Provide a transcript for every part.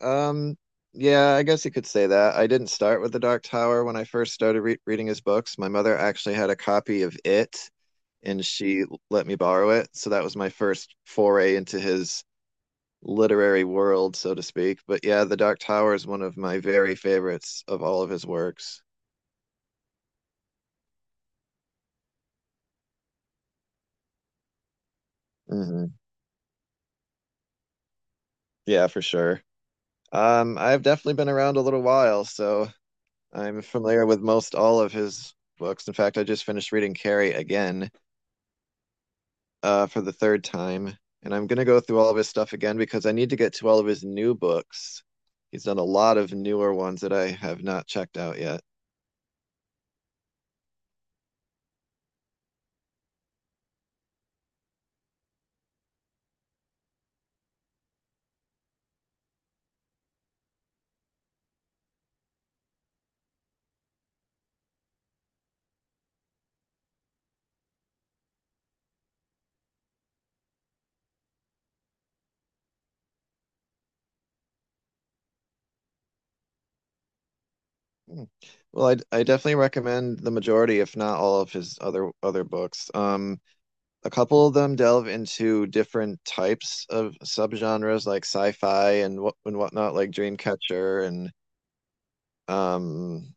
Um, yeah, I guess you could say that. I didn't start with The Dark Tower when I first started re reading his books. My mother actually had a copy of it, and she let me borrow it. So that was my first foray into his literary world, so to speak. But yeah, The Dark Tower is one of my very favorites of all of his works. Hmm. Yeah, for sure. I've definitely been around a little while, so I'm familiar with most all of his books. In fact, I just finished reading Carrie again, for the third time, and I'm gonna go through all of his stuff again because I need to get to all of his new books. He's done a lot of newer ones that I have not checked out yet. Hmm. Well, I definitely recommend the majority, if not all of his other books. A couple of them delve into different types of subgenres like sci-fi and whatnot, like Dreamcatcher and um.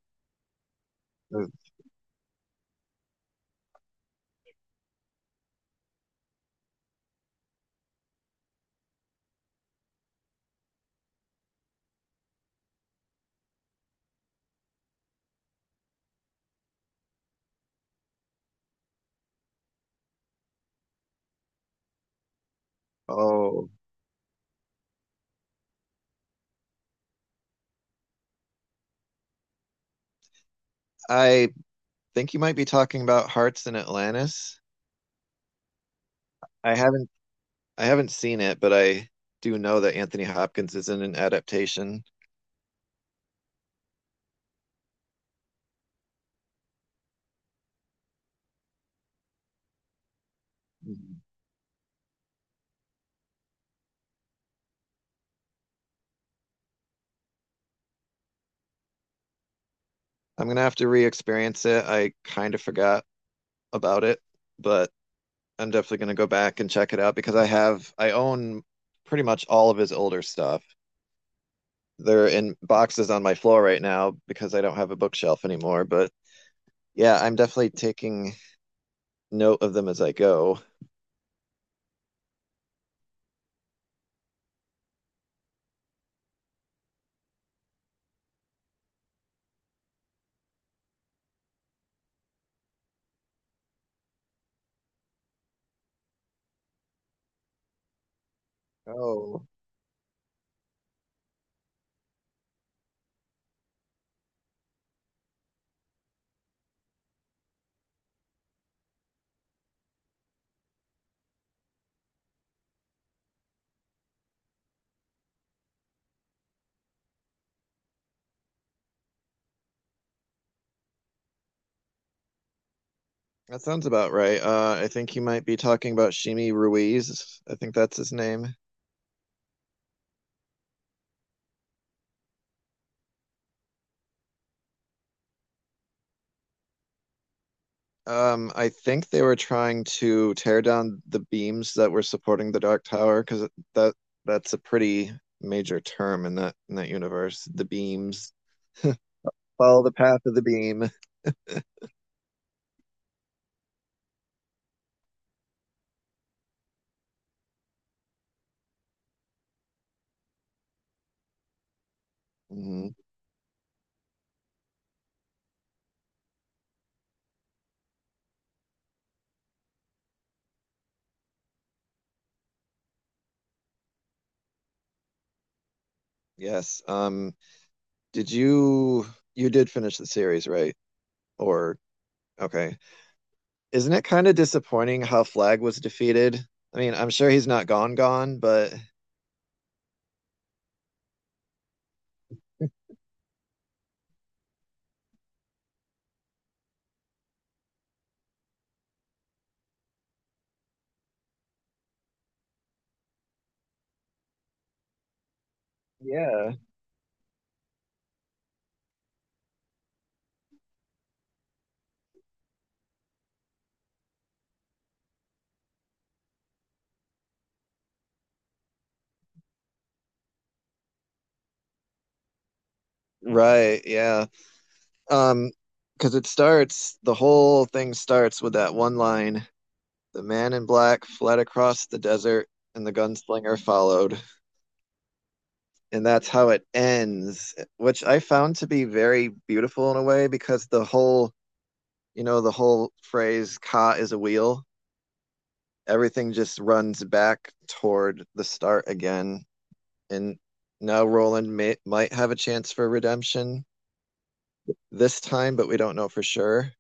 Oh, I think you might be talking about Hearts in Atlantis. I haven't I haven't seen it, but I do know that Anthony Hopkins is in an adaptation. Mhm. I'm gonna have to re-experience it. I kind of forgot about it, but I'm definitely gonna go back and check it out because I own pretty much all of his older stuff. They're in boxes on my floor right now because I don't have a bookshelf anymore. But yeah, I'm definitely taking note of them as I go. Oh, that sounds about right. I think you might be talking about Shimi Ruiz. I think that's his name. I think they were trying to tear down the beams that were supporting the Dark Tower because that that's a pretty major term in that universe. The beams. Follow the path of the beam. Hmm. Yes. Did you You did finish the series, right? Or okay. Isn't it kind of disappointing how Flag was defeated? I mean, I'm sure he's not gone gone, but yeah. Right, yeah. Um, because it starts, the whole thing starts with that one line. The man in black fled across the desert, and the gunslinger followed. And that's how it ends, which I found to be very beautiful in a way because the whole, you know, the whole phrase, Ka is a wheel, everything just runs back toward the start again. And now Roland may, might have a chance for redemption this time, but we don't know for sure.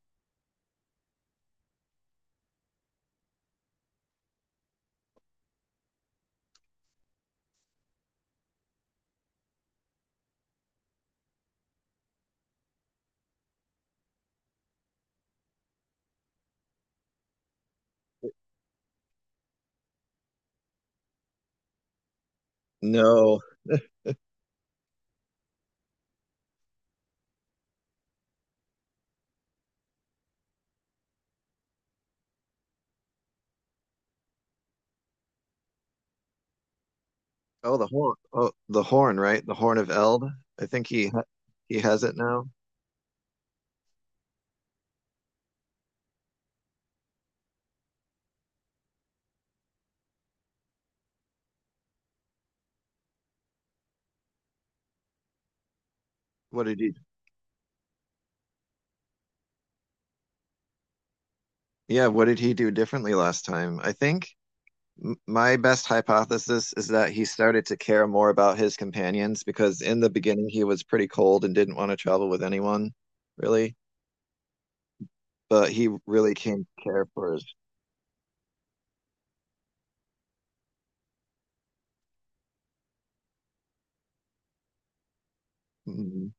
No. Oh, the horn. Oh, the horn, right? The horn of Eld. I think he ha- He has it now. What did he? Yeah, what did he do differently last time? My best hypothesis is that he started to care more about his companions because in the beginning he was pretty cold and didn't want to travel with anyone, really. But he really came to care for his. Mhm.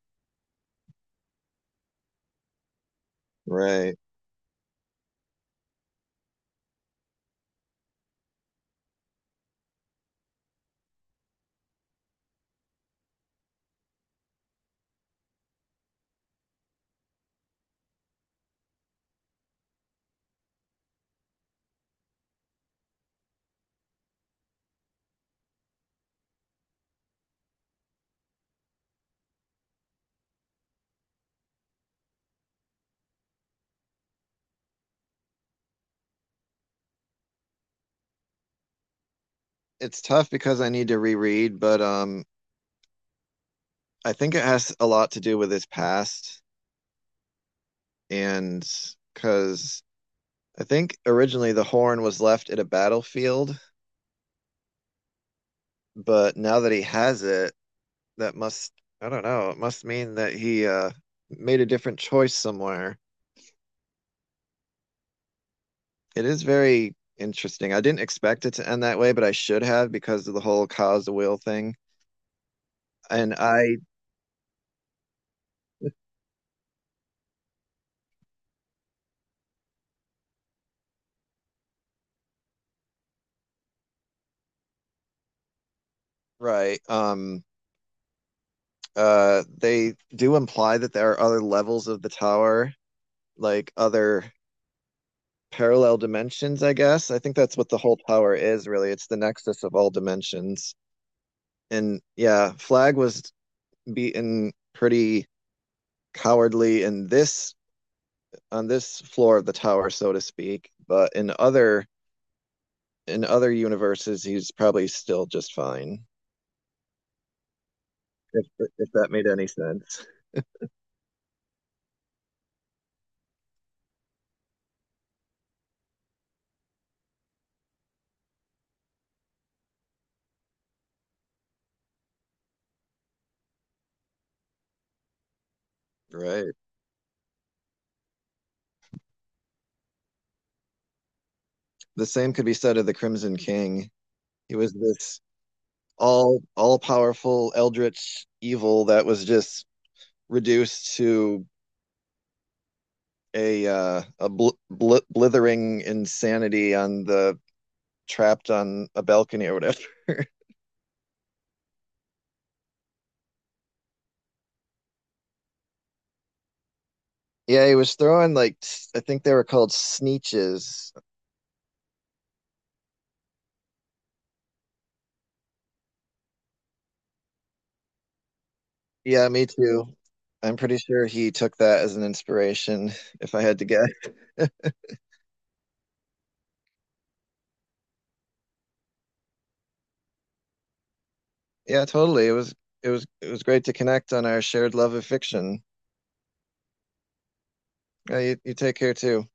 Right. It's tough because I need to reread, but I think it has a lot to do with his past, and because I think originally the horn was left at a battlefield, but now that he has it, that must, I don't know, it must mean that he made a different choice somewhere. It is very interesting. I didn't expect it to end that way, but I should have because of the whole cause the wheel thing. And I, right, they do imply that there are other levels of the tower, like other parallel dimensions, I guess. I think that's what the whole tower is really. It's the nexus of all dimensions. And yeah, Flag was beaten pretty cowardly in this on this floor of the tower, so to speak. But in other universes, he's probably still just fine. If if that made any sense, right? The same could be said of the Crimson King. He was this all powerful eldritch evil that was just reduced to a blithering insanity on the trapped on a balcony or whatever. Yeah, he was throwing like I think they were called sneeches. Yeah, me too. I'm pretty sure he took that as an inspiration, if I had to guess. Yeah, totally. It was it was great to connect on our shared love of fiction. Yeah, you take care too.